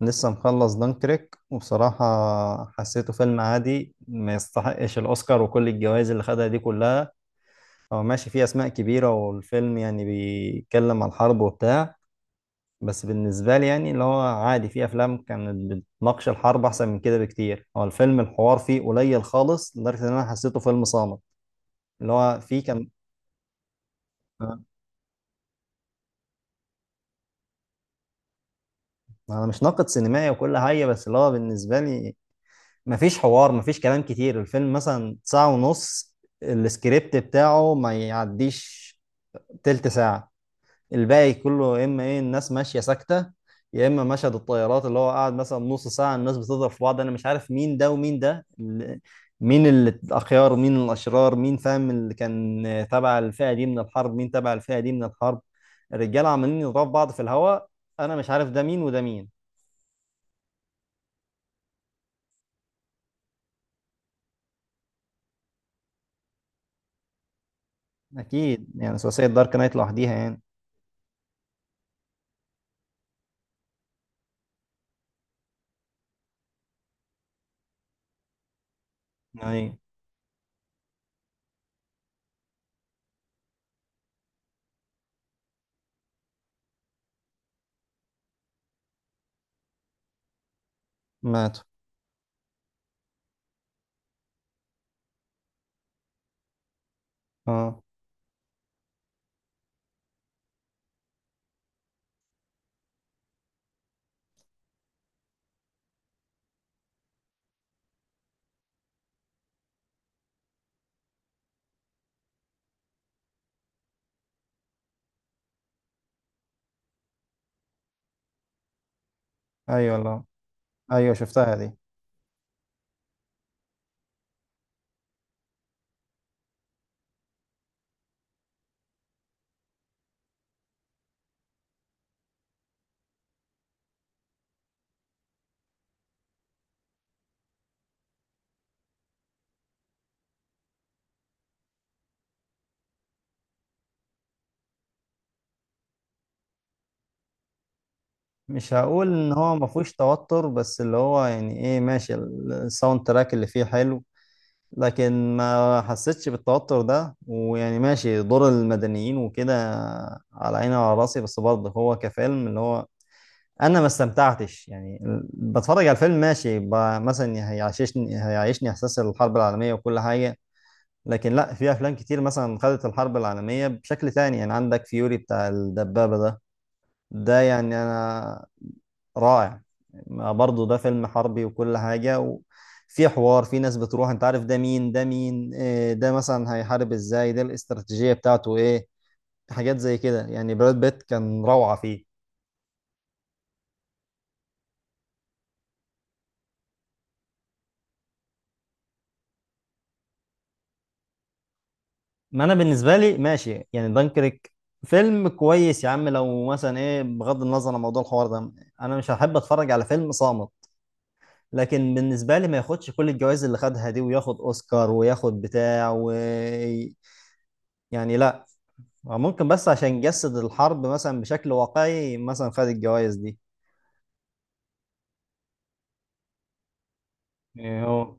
لسه مخلص دانكريك وبصراحة حسيته فيلم عادي، ما يستحقش الأوسكار وكل الجوائز اللي خدها دي كلها. هو ماشي فيه أسماء كبيرة، والفيلم يعني بيتكلم عن الحرب وبتاع، بس بالنسبة لي يعني اللي هو عادي. فيه أفلام كانت بتناقش الحرب أحسن من كده بكتير. هو الفيلم الحوار فيه قليل خالص لدرجة إن أنا حسيته فيلم صامت. اللي هو فيه كان. أنا مش ناقد سينمائي وكل حاجة، بس اللي هو بالنسبة لي مفيش حوار، مفيش كلام كتير. الفيلم مثلا ساعة ونص، السكريبت بتاعه ما يعديش تلت ساعة. الباقي كله يا إما إيه الناس ماشية ساكتة، يا إما مشهد الطيارات اللي هو قاعد مثلا نص ساعة الناس بتضرب في بعض. أنا مش عارف مين ده ومين ده مين الأخيار مين الأشرار؟ مين فاهم اللي كان تبع الفئة دي من الحرب مين تبع الفئة دي من الحرب؟ الرجالة عمالين يضربوا في بعض في الهواء. أنا مش عارف ده مين وده مين. أكيد يعني ثلاثية دارك نايت لوحديها يعني. يعني ماتوا. اه. ايوه والله، ايوه شفتها دي. مش هقول ان هو ما فيهوش توتر، بس اللي هو يعني ايه ماشي الساوند تراك اللي فيه حلو. لكن ما حسيتش بالتوتر ده. ويعني ماشي دور المدنيين وكده على عيني وعلى راسي، بس برضه هو كفيلم اللي هو انا ما استمتعتش يعني بتفرج على الفيلم ماشي مثلا هيعيشني هيعيشني احساس الحرب العالميه وكل حاجه. لكن لا، في افلام كتير مثلا خدت الحرب العالميه بشكل تاني. يعني عندك فيوري بتاع الدبابه ده، ده يعني انا رائع. ما برضه ده فيلم حربي وكل حاجة وفي حوار. في ناس بتروح انت عارف ده مين ده مين إيه، ده مثلا هيحارب ازاي، ده الاستراتيجية بتاعته ايه، حاجات زي كده يعني. براد بيت كان روعة فيه. ما انا بالنسبة لي ماشي يعني دانكريك فيلم كويس يا عم، لو مثلا ايه بغض النظر عن موضوع الحوار ده انا مش هحب اتفرج على فيلم صامت. لكن بالنسبة لي ما ياخدش كل الجوائز اللي خدها دي، وياخد اوسكار وياخد بتاع و... يعني لا. ممكن بس عشان يجسد الحرب مثلا بشكل واقعي مثلا خد الجوائز دي. إيه هو؟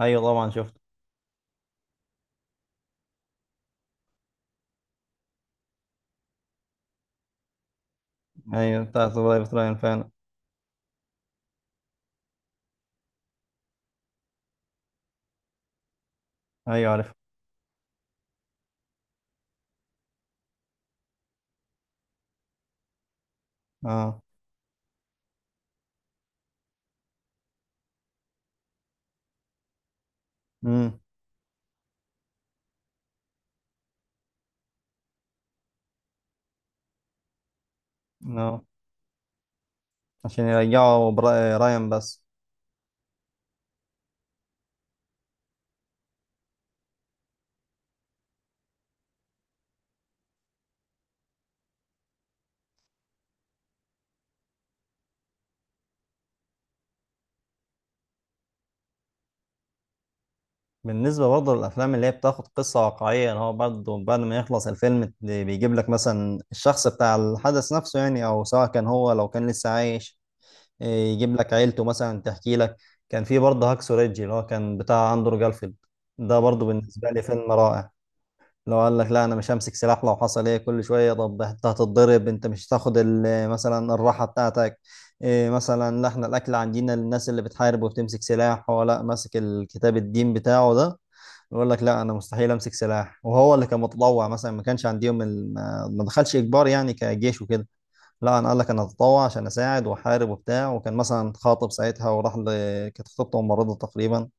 ايوه طبعا شفته. ايوه بتاعت برايفت رايان فعلا. ايوه عارف. اه. امم. اه. عشان يرجعوا رايان بس. بالنسبه برضه للافلام اللي هي بتاخد قصه واقعيه، اللي هو برضه بعد ما يخلص الفيلم اللي بيجيب لك مثلا الشخص بتاع الحدث نفسه، يعني او سواء كان هو لو كان لسه عايش إيه، يجيب لك عيلته مثلا تحكي لك. كان في برضه هاكسو ريدج اللي هو كان بتاع اندرو جارفيلد، ده برضه بالنسبه لي فيلم رائع. لو قال لك لا انا مش همسك سلاح، لو حصل ايه كل شويه، طب انت هتتضرب، انت مش هتاخد مثلا الراحه بتاعتك إيه، مثلا لا احنا الاكل عندنا للناس اللي بتحارب وبتمسك سلاح. هو لا، ماسك الكتاب الدين بتاعه ده، يقول لك لا انا مستحيل امسك سلاح. وهو اللي كان متطوع مثلا، ما كانش عندهم ما دخلش اجبار يعني كجيش وكده. لا انا قال لك انا اتطوع عشان اساعد واحارب وبتاع. وكان مثلا خاطب ساعتها وراح كانت خطيبته ممرضه تقريبا.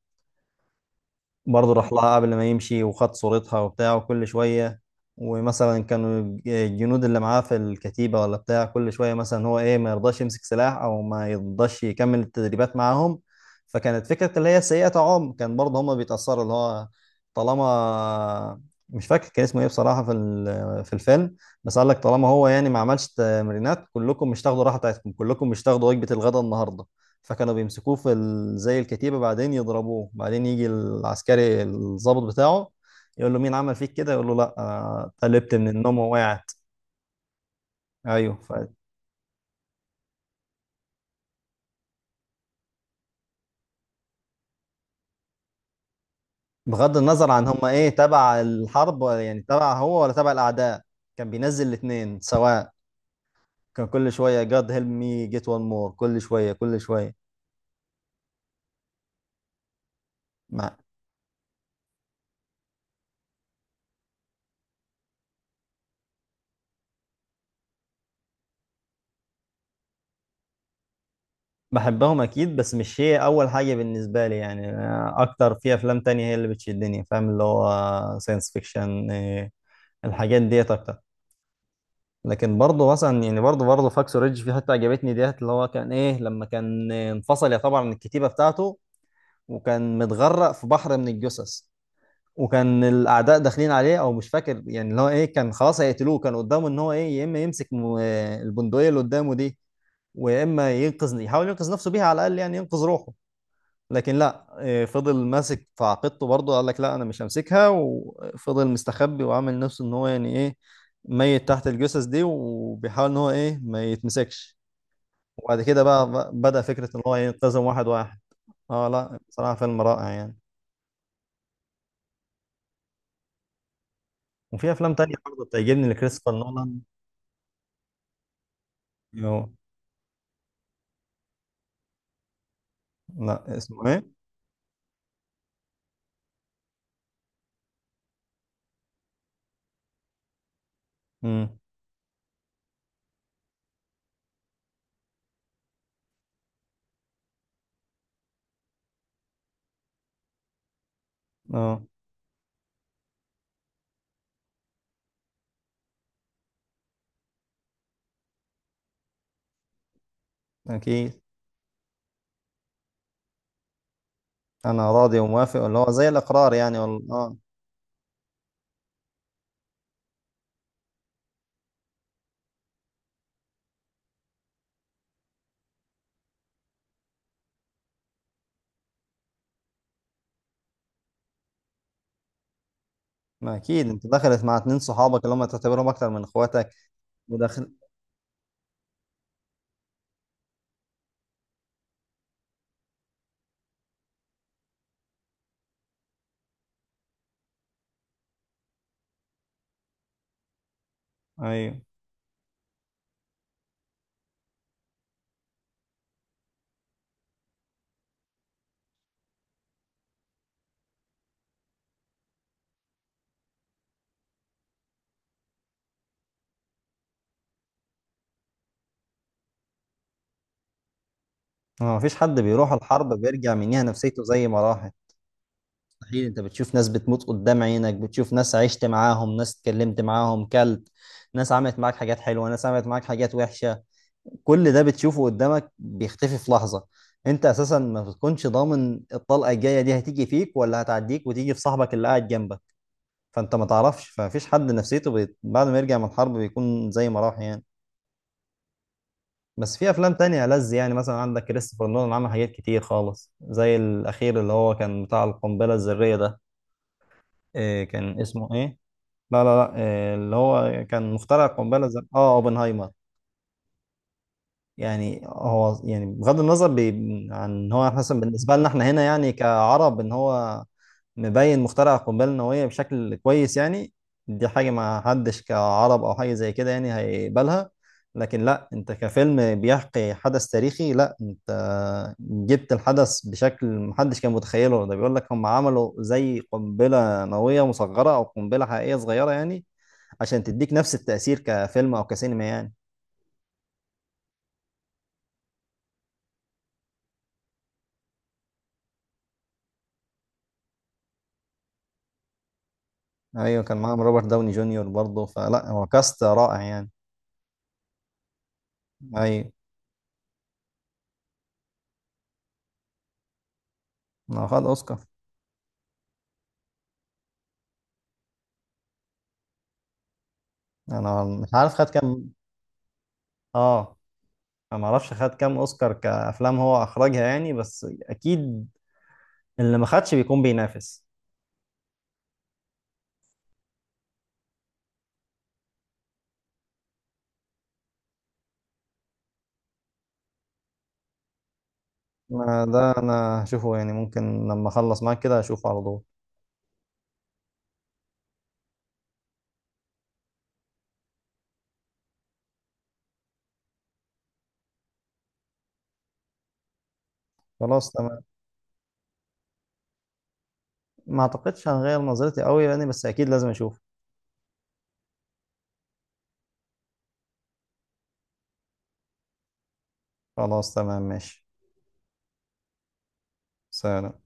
برضه راح لها قبل ما يمشي وخد صورتها وبتاع. وكل شوية ومثلا كانوا الجنود اللي معاه في الكتيبة ولا بتاع كل شوية مثلا هو إيه ما يرضاش يمسك سلاح أو ما يرضاش يكمل التدريبات معاهم. فكانت فكرة اللي هي سيئة. عم كان برضه هما بيتأثروا اللي هو طالما، مش فاكر كان اسمه إيه بصراحة في في الفيلم، بس قال لك طالما هو يعني ما عملش تمرينات كلكم مش تاخدوا راحة بتاعتكم، كلكم مش تاخدوا وجبة الغداء النهاردة. فكانوا بيمسكوه في زي الكتيبة بعدين يضربوه، بعدين يجي العسكري الضابط بتاعه يقول له مين عمل فيك كده، يقول له لا قلبت من النوم ووقعت. ايوه. فبغض النظر عن هم ايه تبع الحرب يعني تبع هو ولا تبع الاعداء. كان بينزل الاثنين سواء. كان كل شوية جاد هيلب مي، جيت وان مور، كل شوية كل شوية. مع- بحبهم اكيد، بس مش هي اول حاجة بالنسبة لي. يعني اكتر في افلام تانية هي اللي بتشدني، فاهم؟ اللي هو ساينس فيكشن، الحاجات ديت اكتر. لكن برضه مثلا يعني برضه فاكس ريدج في حته عجبتني ديت، اللي هو كان ايه لما كان انفصل يعتبر عن الكتيبه بتاعته وكان متغرق في بحر من الجثث. وكان الاعداء داخلين عليه، او مش فاكر، يعني اللي هو ايه كان خلاص هيقتلوه. كان قدامه ان هو ايه يا اما يمسك البندقيه اللي قدامه دي ويا اما ينقذ، يحاول ينقذ نفسه بيها على الاقل، يعني ينقذ روحه. لكن لا إيه، فضل ماسك في عقيدته. برضه قال لك لا انا مش همسكها. وفضل مستخبي وعامل نفسه ان هو يعني ايه ميت تحت الجثث دي، وبيحاول ان هو ايه ما يتمسكش. وبعد كده بقى بدأ فكرة ان هو ينتزم واحد واحد. اه لا بصراحة فيلم رائع يعني. وفي افلام تانية برضه بتعجبني لكريستوفر نولان. يو- لا اسمه ايه؟ امم. اه اكيد. انا راضي وموافق اللي هو زي الاقرار يعني وال... اه ما اكيد انت دخلت مع اتنين صحابك اللي هم تعتبرهم اكتر من اخواتك. ايوه. ما فيش حد بيروح الحرب بيرجع منيها نفسيته زي ما راحت. مستحيل. انت بتشوف ناس بتموت قدام عينك، بتشوف ناس عشت معاهم، ناس اتكلمت معاهم، كلت ناس عملت معاك حاجات حلوة، ناس عملت معاك حاجات وحشة. كل ده بتشوفه قدامك بيختفي في لحظة. انت اساسا ما بتكونش ضامن الطلقة الجاية دي هتيجي فيك ولا هتعديك وتيجي في صاحبك اللي قاعد جنبك. فانت ما تعرفش، فمفيش حد نفسيته بعد ما يرجع من الحرب بيكون زي ما راح يعني. بس في افلام تانية ألذ يعني، مثلا عندك كريستوفر نولان عمل حاجات كتير خالص زي الاخير اللي هو كان بتاع القنبله الذريه ده. إيه كان اسمه ايه؟ لا لا لا إيه اللي هو كان مخترع القنبله الذريه، اه اوبنهايمر. يعني هو يعني بغض النظر عن ان هو مثلا بالنسبه لنا احنا هنا يعني كعرب ان هو مبين مخترع القنبله النوويه بشكل كويس يعني. دي حاجه ما حدش كعرب او حاجه زي كده يعني هيقبلها. لكن لا، انت كفيلم بيحكي حدث تاريخي، لا انت جبت الحدث بشكل محدش كان متخيله. ده بيقول لك هم عملوا زي قنبله نوويه مصغره او قنبله حقيقيه صغيره يعني عشان تديك نفس التاثير كفيلم او كسينما يعني. ايوه كان معاهم روبرت داوني جونيور برضه، فلا هو كاست رائع يعني. ايوه ما هو خد اوسكار. انا مش عارف خد كام. اه. انا ما اعرفش خد كام اوسكار كافلام هو اخرجها يعني، بس اكيد اللي ما خدش بيكون بينافس. ما ده انا هشوفه، يعني ممكن لما اخلص معاك كده هشوفه على طول. خلاص تمام. ما اعتقدش هغير نظرتي قوي يعني، بس اكيد لازم اشوفه. خلاص تمام ماشي. سلام.